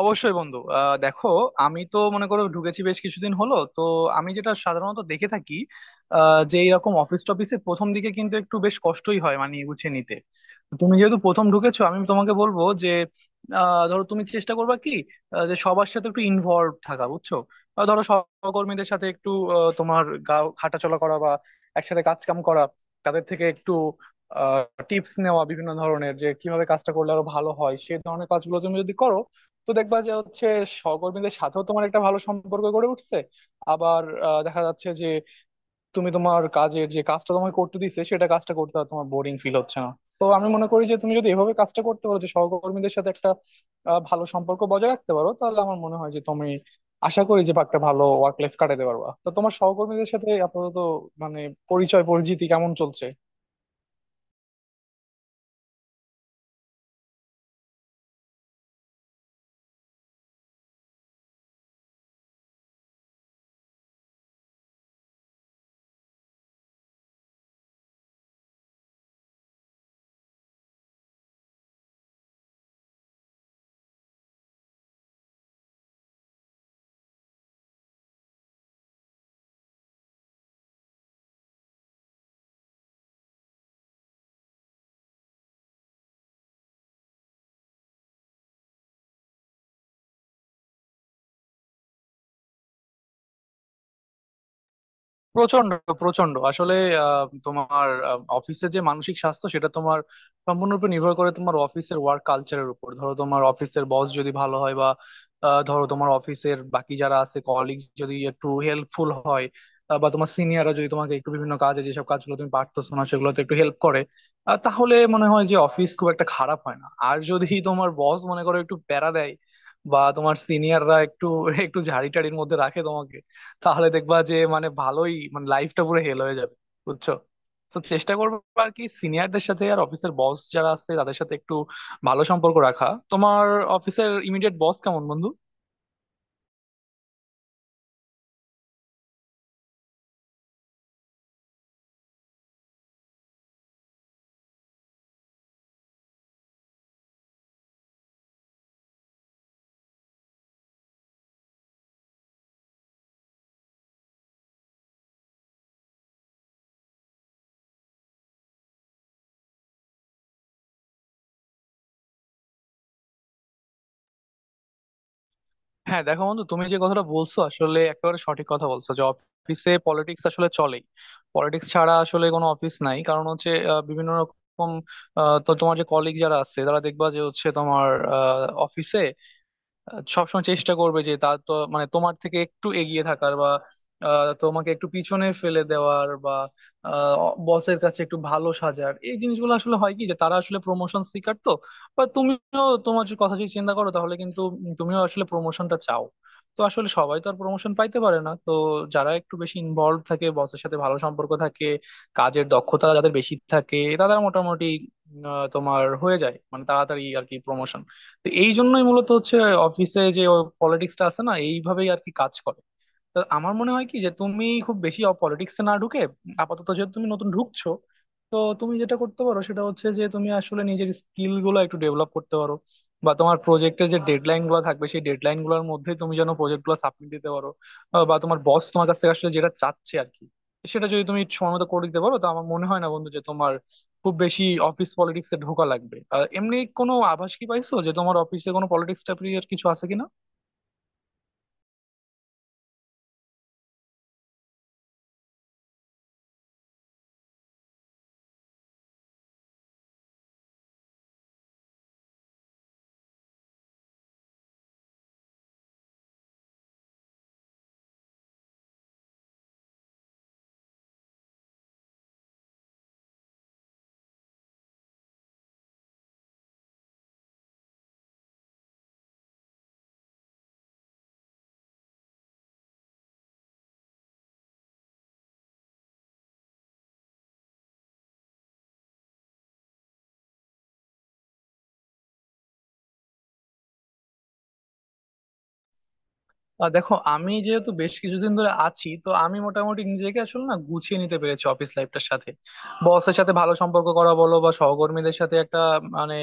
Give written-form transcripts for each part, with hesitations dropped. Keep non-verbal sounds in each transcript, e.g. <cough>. অবশ্যই বন্ধু। দেখো, আমি তো মনে করো ঢুকেছি বেশ কিছুদিন হলো তো। আমি যেটা সাধারণত দেখে থাকি, যে এরকম অফিস টফিসে প্রথম দিকে কিন্তু একটু বেশ কষ্টই হয়, মানে গুছিয়ে নিতে। তুমি যেহেতু প্রথম ঢুকেছো, আমি তোমাকে বলবো যে ধরো তুমি চেষ্টা করবা কি যে সবার সাথে একটু ইনভলভ থাকা, বুঝছো। ধরো সহকর্মীদের সাথে একটু তোমার গা হাঁটাচলা করা বা একসাথে কাজ কাম করা, তাদের থেকে একটু টিপস নেওয়া বিভিন্ন ধরনের, যে কিভাবে কাজটা করলে আরো ভালো হয়, সেই ধরনের কাজগুলো তুমি যদি করো তো দেখবা যে হচ্ছে সহকর্মীদের সাথেও তোমার একটা ভালো সম্পর্ক গড়ে উঠছে। আবার দেখা যাচ্ছে যে তুমি তোমার কাজের যে কাজটা তোমাকে করতে দিচ্ছে, সেটা কাজটা করতে আর তোমার বোরিং ফিল হচ্ছে না। তো আমি মনে করি যে তুমি যদি এভাবে কাজটা করতে পারো, যে সহকর্মীদের সাথে একটা ভালো সম্পর্ক বজায় রাখতে পারো, তাহলে আমার মনে হয় যে তুমি আশা করি যে একটা ভালো ওয়ার্ক লাইফ কাটাতে পারবা। তো তোমার সহকর্মীদের সাথে আপাতত মানে পরিচয় পরিচিতি কেমন চলছে? প্রচন্ড, প্রচন্ড আসলে তোমার অফিসে যে মানসিক স্বাস্থ্য, সেটা তোমার সম্পূর্ণরূপে নির্ভর করে তোমার অফিসের ওয়ার্ক কালচারের উপর। ধরো তোমার অফিসের বস যদি ভালো হয় বা ধরো তোমার অফিসের বাকি যারা আছে কলিগ যদি একটু হেল্পফুল হয়, বা তোমার সিনিয়ররা যদি তোমাকে একটু বিভিন্ন কাজে, যেসব কাজগুলো তুমি পারতেছো না, সেগুলোতে একটু হেল্প করে, তাহলে মনে হয় যে অফিস খুব একটা খারাপ হয় না। আর যদি তোমার বস মনে করো একটু প্যারা দেয় বা তোমার সিনিয়ররা একটু <laughs> একটু ঝাড়ি টাড়ির মধ্যে রাখে, তাহলে দেখবা যে মানে ভালোই, মানে লাইফটা পুরো হেল হয়ে যাবে, বুঝছো। তো চেষ্টা করবো আর কি সিনিয়রদের সাথে আর অফিসের বস যারা আছে তাদের সাথে একটু ভালো সম্পর্ক রাখা। তোমার অফিসের ইমিডিয়েট বস কেমন বন্ধু? হ্যাঁ, দেখো বন্ধু, তুমি যে কথাটা বলছো আসলে একেবারে সঠিক কথা বলছো যে অফিসে পলিটিক্স আসলে চলেই। পলিটিক্স ছাড়া আসলে কোনো অফিস নাই, কারণ হচ্ছে বিভিন্ন রকম তো তোমার যে কলিগ যারা আছে, তারা দেখবা যে হচ্ছে তোমার অফিসে সবসময় চেষ্টা করবে যে তার তো মানে তোমার থেকে একটু এগিয়ে থাকার বা তোমাকে একটু পিছনে ফেলে দেওয়ার বা বসের কাছে একটু ভালো সাজার। এই জিনিসগুলো আসলে হয় কি, যে তারা আসলে প্রমোশন সিকার তো, বা তুমিও তোমার যে কথা যদি চিন্তা করো তাহলে কিন্তু তুমিও আসলে প্রমোশনটা চাও। তো আসলে সবাই তো আর প্রমোশন পাইতে পারে না তো। যারা একটু বেশি ইনভলভ থাকে, বসের সাথে ভালো সম্পর্ক থাকে, কাজের দক্ষতা যাদের বেশি থাকে, তারা মোটামুটি তোমার হয়ে যায় মানে তাড়াতাড়ি আর কি প্রমোশন। তো এই জন্যই মূলত হচ্ছে অফিসে যে পলিটিক্সটা আছে না, এইভাবেই আর কি কাজ করে। তো আমার মনে হয় কি, যে তুমি খুব বেশি পলিটিক্সে না ঢুকে আপাতত যেহেতু তুমি নতুন ঢুকছো, তো তুমি যেটা করতে পারো সেটা হচ্ছে যে তুমি আসলে নিজের স্কিল গুলো একটু ডেভেলপ করতে পারো, বা তোমার প্রজেক্টের যে ডেডলাইন গুলো থাকবে, সেই ডেডলাইন গুলোর মধ্যে তুমি যেন প্রজেক্ট গুলো সাবমিট দিতে পারো, বা তোমার বস তোমার কাছ থেকে আসলে যেটা চাচ্ছে আর কি, সেটা যদি তুমি সময় মতো করে দিতে পারো, তো আমার মনে হয় না বন্ধু যে তোমার খুব বেশি অফিস পলিটিক্সে ঢোকা লাগবে। আর এমনি কোনো আভাস কি পাইছো যে তোমার অফিসে কোনো পলিটিক্স টাইপের কিছু আছে কিনা? দেখো, আমি যেহেতু বেশ কিছুদিন ধরে আছি, তো আমি মোটামুটি নিজেকে আসলে না গুছিয়ে নিতে পেরেছি অফিস লাইফটার সাথে। বসের সাথে ভালো সম্পর্ক করা বলো বা সহকর্মীদের সাথে একটা মানে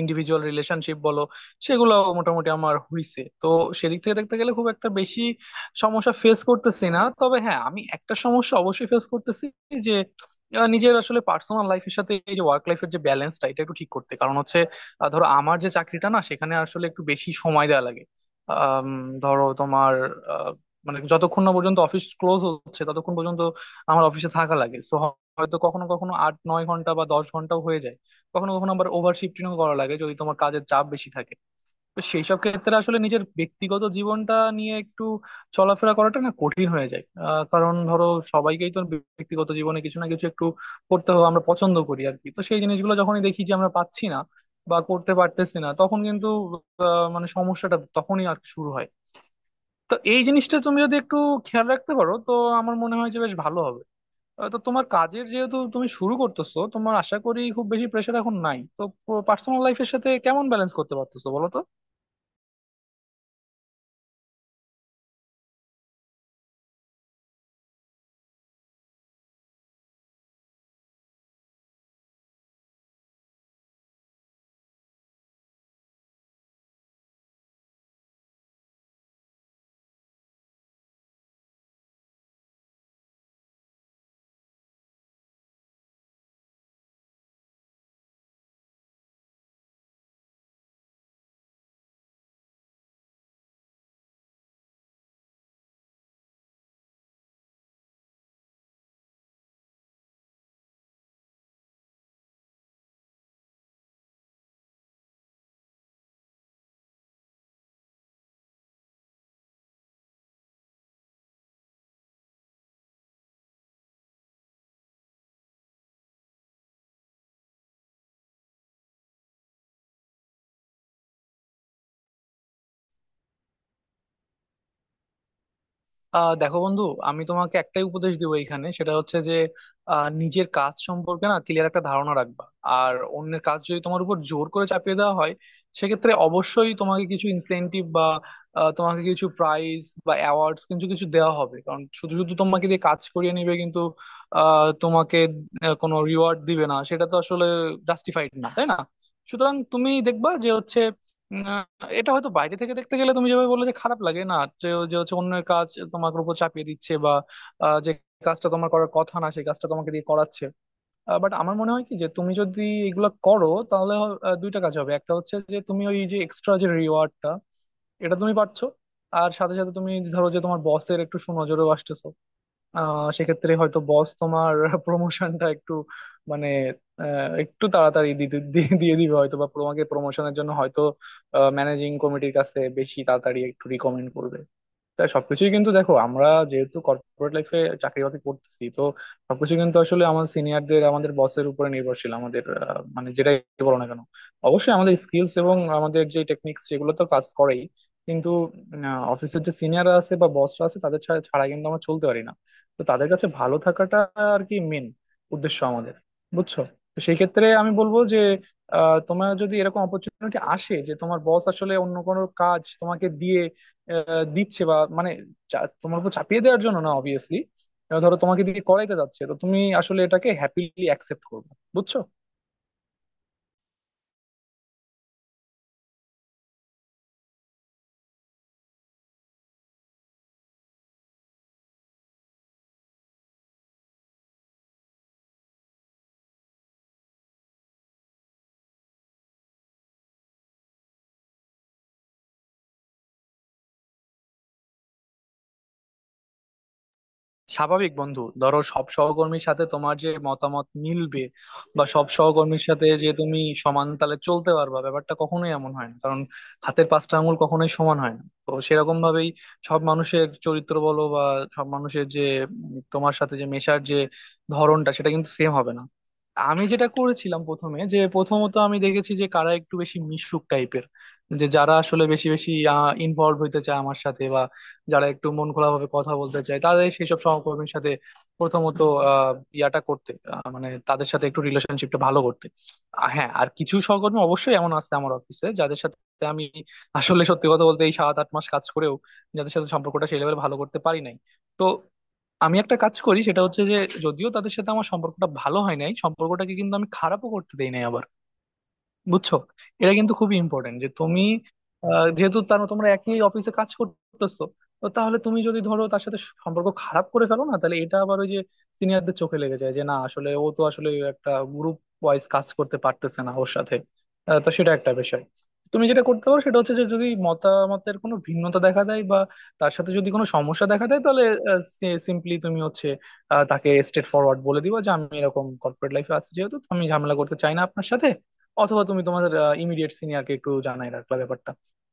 ইন্ডিভিজুয়াল রিলেশনশিপ বলো, সেগুলো মোটামুটি আমার হইছে তো। সেদিক থেকে দেখতে গেলে খুব একটা বেশি সমস্যা ফেস করতেছি না। তবে হ্যাঁ, আমি একটা সমস্যা অবশ্যই ফেস করতেছি, যে নিজের আসলে পার্সোনাল লাইফের সাথে এই যে ওয়ার্ক লাইফের যে ব্যালেন্সটা, এটা একটু ঠিক করতে। কারণ হচ্ছে ধরো আমার যে চাকরিটা না, সেখানে আসলে একটু বেশি সময় দেওয়া লাগে। আম, ধরো তোমার আহ, মানে যতক্ষণ না পর্যন্ত অফিস ক্লোজ হচ্ছে, ততক্ষণ পর্যন্ত আমার অফিসে থাকা লাগে। সো হয়তো কখনো কখনো আট নয় ঘন্টা বা দশ ঘন্টাও হয়ে যায়। কখনো কখনো আবার ওভার শিফটিংও করা লাগে যদি তোমার কাজের চাপ বেশি থাকে। তো সেই সব ক্ষেত্রে আসলে নিজের ব্যক্তিগত জীবনটা নিয়ে একটু চলাফেরা করাটা না কঠিন হয়ে যায়। কারণ ধরো সবাইকেই তো ব্যক্তিগত জীবনে কিছু না কিছু একটু করতে হবে, আমরা পছন্দ করি আর কি। তো সেই জিনিসগুলো যখনই দেখি যে আমরা পাচ্ছি না বা করতে পারতেছি না, তখন কিন্তু মানে সমস্যাটা তখনই আর কি শুরু হয়। তো এই জিনিসটা তুমি যদি একটু খেয়াল রাখতে পারো, তো আমার মনে হয় যে বেশ ভালো হবে। তো তোমার কাজের যেহেতু তুমি শুরু করতেছো, তোমার আশা করি খুব বেশি প্রেশার এখন নাই তো। পার্সোনাল লাইফের সাথে কেমন ব্যালেন্স করতে পারতেছো বলো তো? দেখো বন্ধু, আমি তোমাকে একটাই উপদেশ দিব এইখানে, সেটা হচ্ছে যে নিজের কাজ সম্পর্কে না ক্লিয়ার একটা ধারণা রাখবা। আর অন্যের কাজ যদি তোমার উপর জোর করে চাপিয়ে দেওয়া হয়, সেক্ষেত্রে অবশ্যই তোমাকে কিছু ইনসেনটিভ বা তোমাকে কিছু প্রাইজ বা অ্যাওয়ার্ডস কিছু কিছু দেওয়া হবে। কারণ শুধু শুধু তোমাকে দিয়ে কাজ করিয়ে নিবে, কিন্তু তোমাকে কোনো রিওয়ার্ড দিবে না, সেটা তো আসলে জাস্টিফাইড না, তাই না? সুতরাং তুমি দেখবা যে হচ্ছে এটা হয়তো বাইরে থেকে দেখতে গেলে তুমি যেভাবে বললে যে খারাপ লাগে না, যে যে হচ্ছে অন্যের কাজ তোমার উপর চাপিয়ে দিচ্ছে বা যে কাজটা তোমার করার কথা না, সেই কাজটা তোমাকে দিয়ে করাচ্ছে। বাট আমার মনে হয় কি, যে তুমি যদি এগুলো করো তাহলে দুইটা কাজ হবে। একটা হচ্ছে যে তুমি ওই যে এক্সট্রা যে রিওয়ার্ডটা, এটা তুমি পাচ্ছ। আর সাথে সাথে তুমি ধরো যে তোমার বসের একটু সুনজরেও আসতেছো। সেক্ষেত্রে হয়তো বস তোমার <laughs> প্রমোশনটা একটু মানে একটু তাড়াতাড়ি দিয়ে দিবে হয়তো, বা তোমাকে প্রমোশনের জন্য হয়তো ম্যানেজিং কমিটির কাছে বেশি তাড়াতাড়ি একটু রিকমেন্ড করবে। তাই সবকিছুই কিন্তু দেখো, আমরা যেহেতু কর্পোরেট লাইফে চাকরি বাকরি করতেছি, তো সবকিছু কিন্তু আসলে আমার সিনিয়রদের, আমাদের বসের উপরে নির্ভরশীল আমাদের। মানে যেটাই বলো না কেন, অবশ্যই আমাদের স্কিলস এবং আমাদের যে টেকনিক্স সেগুলো তো কাজ করেই, কিন্তু অফিসের যে সিনিয়ররা আছে বা বসরা আছে, তাদের ছাড়া ছাড়া কিন্তু আমরা চলতে পারি না। তো তাদের কাছে ভালো থাকাটা আর কি মেন উদ্দেশ্য আমাদের, বুঝছো। তো সেই ক্ষেত্রে আমি বলবো যে তোমার যদি এরকম অপরচুনিটি আসে যে তোমার বস আসলে অন্য কোনো কাজ তোমাকে দিয়ে দিচ্ছে, বা মানে তোমার উপর চাপিয়ে দেওয়ার জন্য না অবভিয়াসলি, ধরো তোমাকে দিয়ে করাইতে যাচ্ছে, তো তুমি আসলে এটাকে হ্যাপিলি অ্যাকসেপ্ট করবে, বুঝছো। স্বাভাবিক বন্ধু, ধরো সব সহকর্মীর সাথে তোমার যে মতামত মিলবে বা সব সহকর্মীর সাথে যে তুমি সমান তালে চলতে পারবা, ব্যাপারটা কখনোই এমন হয় না। কারণ হাতের পাঁচটা আঙুল কখনোই সমান হয় না। তো সেরকম ভাবেই সব মানুষের চরিত্র বলো বা সব মানুষের যে তোমার সাথে যে মেশার যে ধরনটা, সেটা কিন্তু সেম হবে না। আমি যেটা করেছিলাম প্রথমে যে, প্রথমত আমি দেখেছি যে কারা একটু বেশি মিশুক টাইপের, যে যারা আসলে বেশি বেশি ইনভলভ হইতে চায় আমার সাথে, যারা একটু মন খোলাভাবে কথা বলতে চায়, তাদের সেই সব সহকর্মীর সাথে প্রথমত ইয়াটা করতে মানে তাদের সাথে একটু রিলেশনশিপটা ভালো করতে। হ্যাঁ, আর কিছু সহকর্মী অবশ্যই এমন আছে আমার অফিসে যাদের সাথে আমি আসলে সত্যি কথা বলতে এই সাত আট মাস কাজ করেও যাদের সাথে সম্পর্কটা সেই লেভেলে ভালো করতে পারি নাই। তো আমি একটা কাজ করি, সেটা হচ্ছে যে যদিও তাদের সাথে আমার সম্পর্কটা ভালো হয় নাই, সম্পর্কটাকে কিন্তু আমি খারাপও করতে দেই নাই আবার, বুঝছো। এটা কিন্তু খুবই ইম্পর্টেন্ট যে তুমি যেহেতু তার তোমরা একই অফিসে কাজ করতেছো, তো তাহলে তুমি যদি ধরো তার সাথে সম্পর্ক খারাপ করে ফেলো না, তাহলে এটা আবার ওই যে সিনিয়রদের চোখে লেগে যায়, যে না আসলে ও তো আসলে একটা গ্রুপ ওয়াইজ কাজ করতে পারতেছে না ওর সাথে। তো সেটা একটা বিষয়। তুমি যেটা করতে পারো সেটা হচ্ছে যে যদি মতামতের কোনো ভিন্নতা দেখা দেয় বা তার সাথে যদি কোনো সমস্যা দেখা দেয়, তাহলে সিম্পলি তুমি হচ্ছে তাকে স্ট্রেট ফরওয়ার্ড বলে দিবা যে আমি এরকম কর্পোরেট লাইফে আছি যেহেতু, তো আমি ঝামেলা করতে চাই না আপনার সাথে। অথবা তুমি তোমাদের ইমিডিয়েট সিনিয়রকে একটু জানাই রাখলা ব্যাপারটা,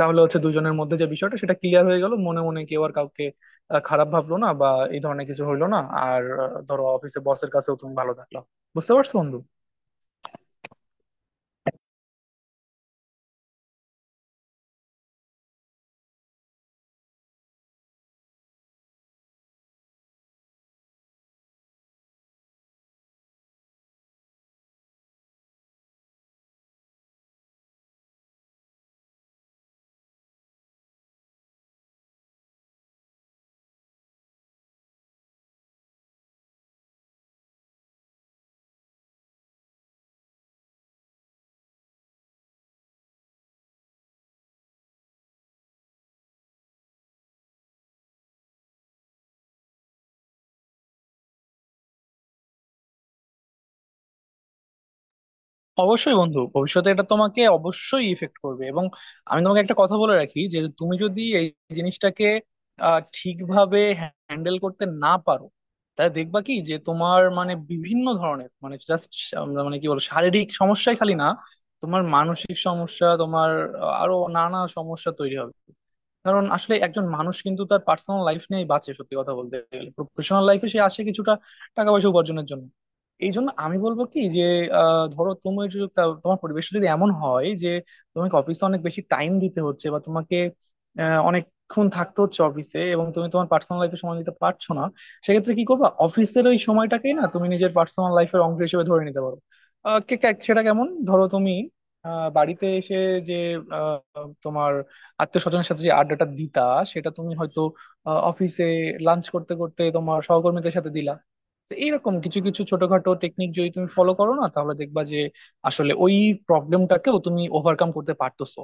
তাহলে হচ্ছে দুজনের মধ্যে যে বিষয়টা সেটা ক্লিয়ার হয়ে গেল, মনে মনে কেউ আর কাউকে খারাপ ভাবলো না বা এই ধরনের কিছু হইলো না। আর ধরো অফিসে বসের কাছেও তুমি ভালো থাকলা। বুঝতে পারছো বন্ধু? অবশ্যই বন্ধু, ভবিষ্যতে এটা তোমাকে অবশ্যই ইফেক্ট করবে। এবং আমি তোমাকে একটা কথা বলে রাখি যে তুমি যদি এই জিনিসটাকে ঠিকভাবে হ্যান্ডেল করতে না পারো, তাহলে দেখবা কি যে তোমার মানে বিভিন্ন ধরনের মানে জাস্ট মানে কি বল, শারীরিক সমস্যাই খালি না, তোমার মানসিক সমস্যা, তোমার আরো নানা সমস্যা তৈরি হবে। কারণ আসলে একজন মানুষ কিন্তু তার পার্সোনাল লাইফ নিয়েই বাঁচে সত্যি কথা বলতে গেলে। প্রফেশনাল লাইফে সে আসে কিছুটা টাকা পয়সা উপার্জনের জন্য। এই জন্য আমি বলবো কি যে ধরো তুমি যদি তোমার পরিবেশ যদি এমন হয় যে তোমাকে অফিসে অনেক বেশি টাইম দিতে হচ্ছে বা তোমাকে অনেকক্ষণ থাকতে হচ্ছে অফিসে, এবং তুমি তোমার পার্সোনাল লাইফে সময় দিতে পারছো না, সেক্ষেত্রে কি করবা? অফিসের ওই সময়টাকেই না তুমি নিজের পার্সোনাল লাইফের অংশ হিসেবে ধরে নিতে পারো। সেটা কেমন? ধরো তুমি বাড়িতে এসে যে তোমার আত্মীয় স্বজনের সাথে যে আড্ডাটা দিতা, সেটা তুমি হয়তো অফিসে লাঞ্চ করতে করতে তোমার সহকর্মীদের সাথে দিলা। তো এইরকম কিছু কিছু ছোটখাটো টেকনিক যদি তুমি ফলো করো না, তাহলে দেখবা যে আসলে ওই প্রবলেমটাকেও তুমি ওভারকাম করতে পারতেছো।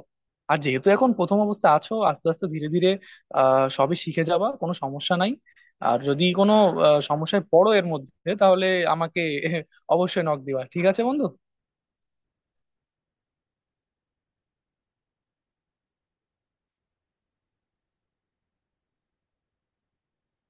আর যেহেতু এখন প্রথম অবস্থায় আছো, আস্তে আস্তে ধীরে ধীরে সবই শিখে যাবা, কোনো সমস্যা নাই। আর যদি কোনো সমস্যায় পড়ো এর মধ্যে, তাহলে আমাকে <laughs> অবশ্যই নক দিবা। ঠিক আছে বন্ধু?